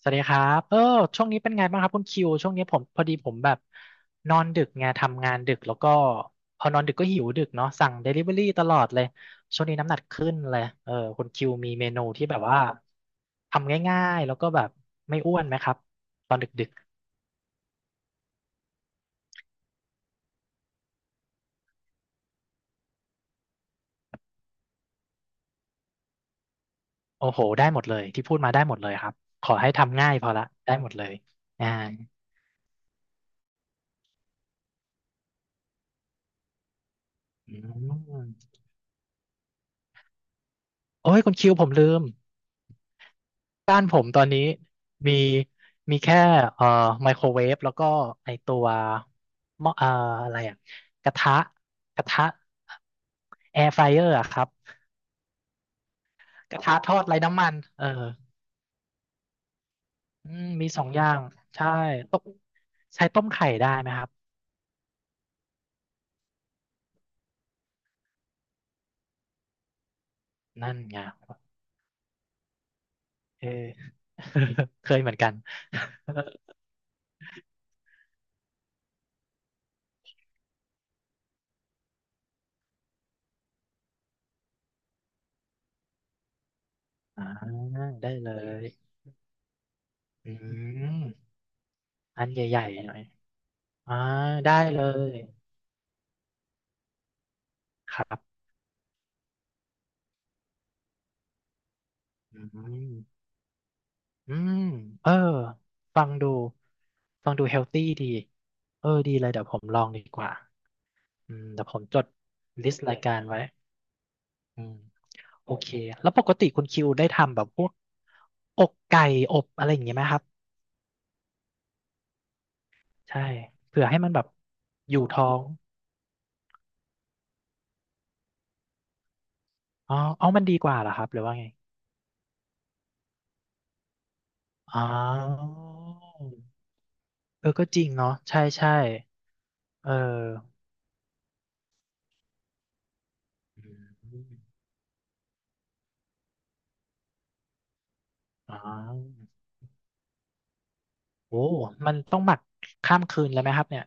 สวัสดีครับช่วงนี้เป็นไงบ้างครับคุณคิวช่วงนี้ผมพอดีผมแบบนอนดึกไงทำงานดึกแล้วก็พอนอนดึกก็หิวดึกเนาะสั่งเดลิเวอรี่ตลอดเลยช่วงนี้น้ำหนักขึ้นเลยคุณคิวมีเมนูที่แบบว่าทำง่ายๆแล้วก็แบบไม่อ้วนไหมครับตอนดึกๆโอ้โหได้หมดเลยที่พูดมาได้หมดเลยครับขอให้ทำง่ายพอละได้หมดเลยอ่าอืมโอ้ยคุณคิวผมลืม บ้านผมตอนนี้มีมีแค่เอ่อไมโครเวฟแล้วก็ไอตัวหม้ออะไรอะกระทะกระทะแอร์ฟ y เออร์อะครับกระทะทอดไร้น้ำมันเอออืมมีสองอย่างใช่ต้มใช้ต้มไข่ได้ไหมครับนั่นไงเออ เคยเหมือนกัน อ่าได้เลยอืมอันใหญ่ๆหน่อยอ่าได้เลยครับอืม อืมเออฟังดูฟังดูเฮลตี้ดีเออดีเลยเดี๋ยวผมลองดีกว่าอืมเดี๋ยวผมจดลิสต์รายการไว้อืมโอเคแล้วปกติคุณคิวได้ทำแบบพวกอกไก่อบอะไรอย่างเงี้ยไหมครับใช่เผื่อให้มันแบบอยู่ท้องอ๋ออ๋อมันดีกว่าเหรอครับหรือว่าไงอ๋อเออก็จริงเนาะใช่ใช่เอออืมอ๋อโอ้มันต้องหมักข้ามคืนเลยไหมครับเนี่ย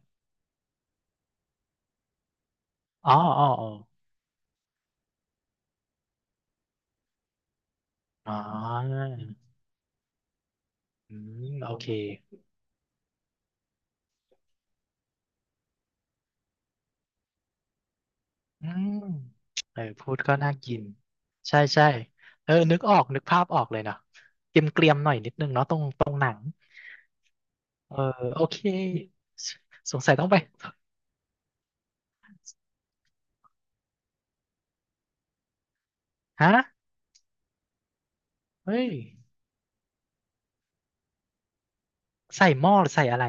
อ๋ออ๋ออ๋ออ๋ออืมโอเคอืมเออพูดก็น่ากินใช่ใช่เออนึกออก นึกภาพออกเลยเนาะเกรียมเกรียมตรงหนังเออโอเคสสงสัยต้องไปฮะเฮ้ยใส่หม้อหรือใส่อะไร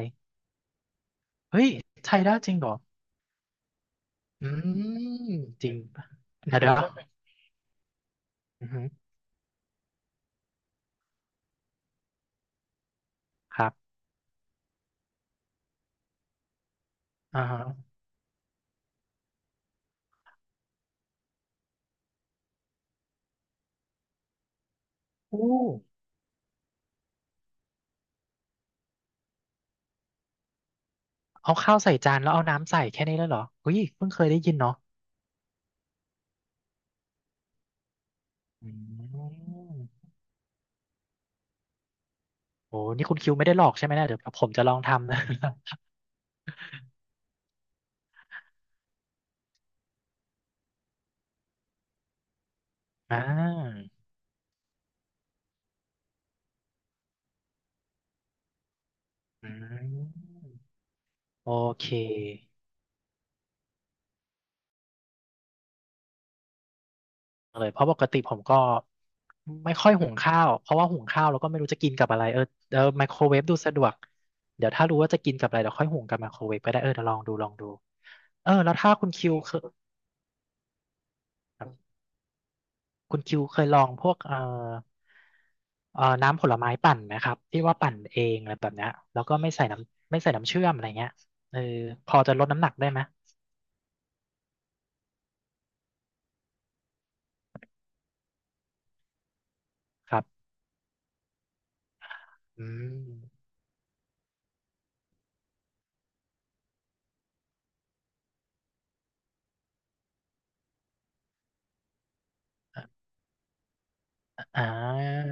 เฮ้ยใช่ได้จริงเหรออืมจริงปะเดี๋ยวอือฮึครับอ่าฮะอู้เอาข้าวใส่จานแล้วเอาน้ำใส่แค่นี้แล้วเหรอเฮ้ยเพิ่งเคยได้ยินเนาะอืม โอ้นี่คุณคิวไม่ได้หลอกใช่ไหมเนี่ยเดี๋ยวผมจะลองทำนะ อ่าอืมโอเคเลยเพราะปกติผมก็ไม่ค่อยหุงข้าวเพราะว่าหุงข้าวแล้วก็ไม่รู้จะกินกับอะไรเออไมโครเวฟดูสะดวกเดี๋ยวถ้ารู้ว่าจะกินกับอะไรเดี๋ยวค่อยหุงกับไมโครเวฟก็ได้เออเดี๋ยวลองดูลองดูเออแล้วถ้าคุณคิวเคยลองพวกน้ำผลไม้ปั่นไหมครับที่ว่าปั่นเองอะไรแบบเนี้ยแล้วก็ไม่ใส่น้ำไม่ใส่น้ำเชื่อมอะไรเงี้ยเออพอจะลดน้ำหนักได้ไหมครับ อืมอ่า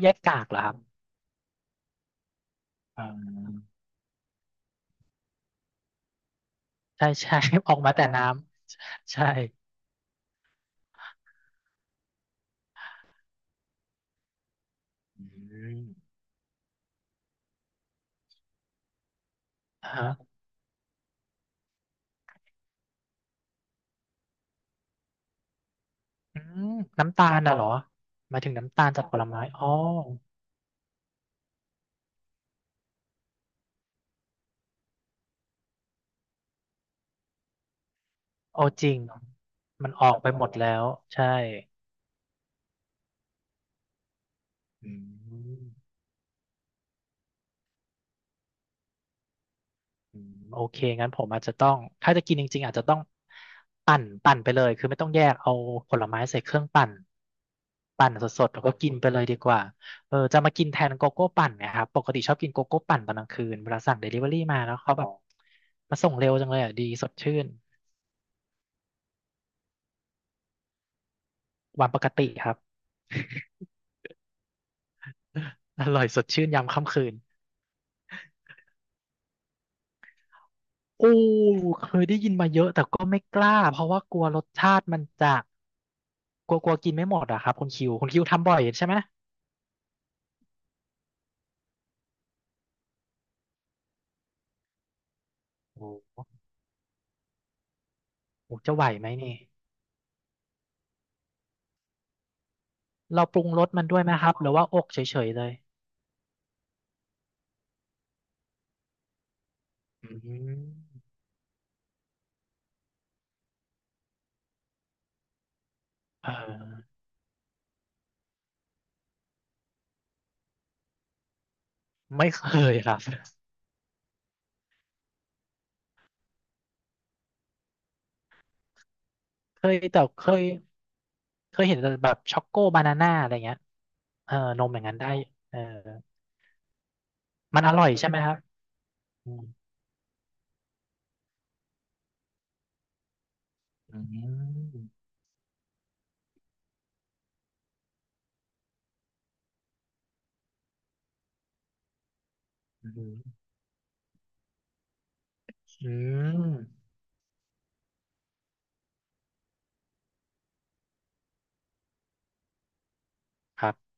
แยกกากเหรอครับอ่าใช่ใช่ ออกมาแต่น้ำใช่อืมอ่าฮะอืมน้ำตาลน่ะเหรอหมายถึงน้ำตาลจากผลไม้อ๋อโอจริงมันออกไปหมดแล้วใช่อืม อืมโอเคงั้นผมอาจจะต้องถ้าจะกินจริงๆอาจจะต้องปั่นไปเลยคือไม่ต้องแยกเอาผลไม้ใส่เครื่องปั่นปั่นสดๆแล้วก็กินไปเลยดีกว่าเออจะมากินแทนโกโก้ปั่นเนะครับปกติชอบกินโกโก้ปั่นตอนกลางคืนเวลาสั่งเดลิเวอรี่มาแล้วเขาแบบมาส่งเร็วจังเลยอ่ะดีสดชื่นวันปกติครับอร่อยสดชื่นยามค่ำคืนโอ้เคยได้ยินมาเยอะแต่ก็ไม่กล้าเพราะว่ากลัวรสชาติมันจะกลัวกลัวกินไม่หมดอะครับคุณคิวทำบ่อยใช่ไหม โอ้จะไหวไหมนี่เราปรุงรสมันด้วยไหมครับหรือว่าอกเฉยๆเลยอืมเออไม่เคยครับเคยแต่เคยเห็นแต่แบบช็อกโกบานาน่าอะไรเงี้ยเออนมอย่างนั้นได้เออมันอร่อยใช่ไหมครับอืมอืมอืมอืมครับ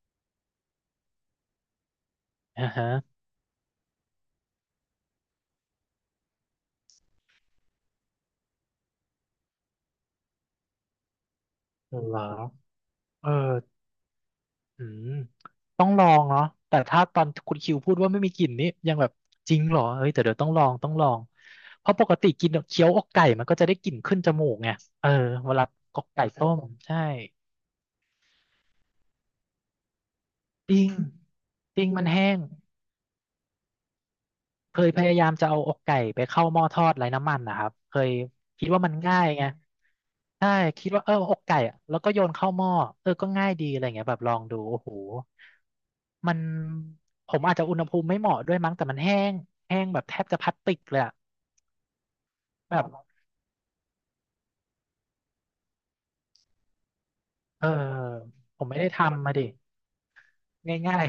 อ่าฮะเหรอเออ อืมต้องลองเนาะแต่ถ้าตอนคุณคิวพูดว่าไม่มีกลิ่นนี่ยังแบบจริงเหรอเฮ้ยแต่เดี๋ยวต้องลองเพราะปกติกินเคี้ยวอกไก่มันก็จะได้กลิ่นขึ้นจมูกไงเออเวลาอกไก่ต้มใช่จริงจริงมันแห้ง เคยพยายามจะเอาอกไก่ไปเข้าหม้อทอดไร้น้ำมันนะครับเคยคิดว่ามันง่ายไงใช่คิดว่าเอออกไก่อะแล้วก็โยนเข้าหม้อเออก็ง่ายดีอะไรเงี้ยแบบลองดูโอ้โหมันผมอาจจะอุณหภูมิไม่เหมาะด้วยมั้งแต่มันแห้งแห้งแบบแทบจะพลาสติกเลยอะแบบเออผมไม่ได้ทำมาดิง่าย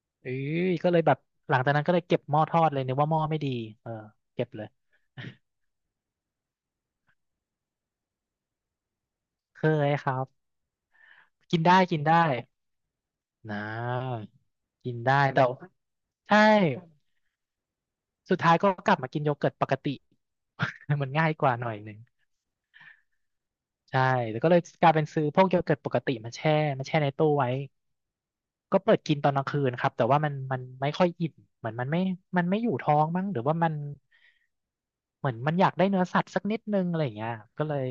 ๆเอ้ยก็เลยแบบหลังจากนั้นก็เลยเก็บหม้อทอดเลยนึกว่าหม้อไม่ดีเออเก็บเลยเคยครับกินได้นะกินได้แต่ ใช่สุดท้ายก็กลับมากินโยเกิร์ตปกติ มันง่ายกว่าหน่อยหนึ่งใช่แล้วก็เลยกลายเป็นซื้อพวกโยเกิร์ตปกติมาแช่มาแช่ในตู้ไว้ก็เปิดกินตอนกลางคืนครับแต่ว่ามันไม่ค่อยอิ่มเหมือนมันไม่มันไม่อยู่ท้องมั้งหรือว่ามันเหมือนมันอยากได้เนื้อสัตว์สักนิดนึงอะไรอย่างเงี้ยก็เลย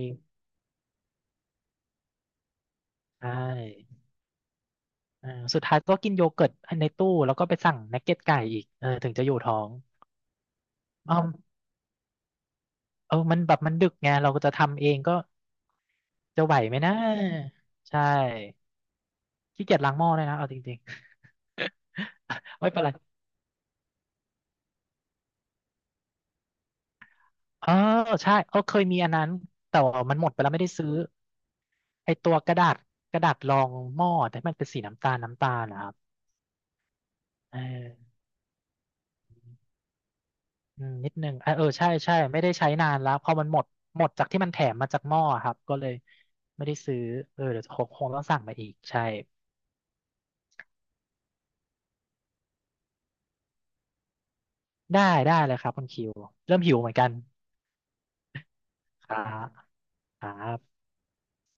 ใช่เออสุดท้ายก็กินโยเกิร์ตในตู้แล้วก็ไปสั่งนักเก็ตไก่อีกเออถึงจะอยู่ท้องเอ้อเออมันแบบมันดึกไงเราก็จะทำเองก็จะไหวไหมนะใช่ ขี้เกียจล้างหม้อเลยนะเอาจริงๆ ไม่เป็นไรเออใช่เออเคยมีอันนั้นแต่ว่ามันหมดไปแล้วไม่ได้ซื้อไอตัวกระดาษกระดาษรองหม้อแต่มันเป็นสีน้ำตาลน้ำตาลนะครับเอออืมนิดนึงเออเออใช่ใช่ไม่ได้ใช้นานแล้วพอมันหมดหมดจากที่มันแถมมาจากหม้อครับก็เลยไม่ได้ซื้อเออเดี๋ยวคงต้องสั่งมาอีกใช่ได้ได้เลยครับคุณคิวเริ่มหิวเหมือนกันครับอ่า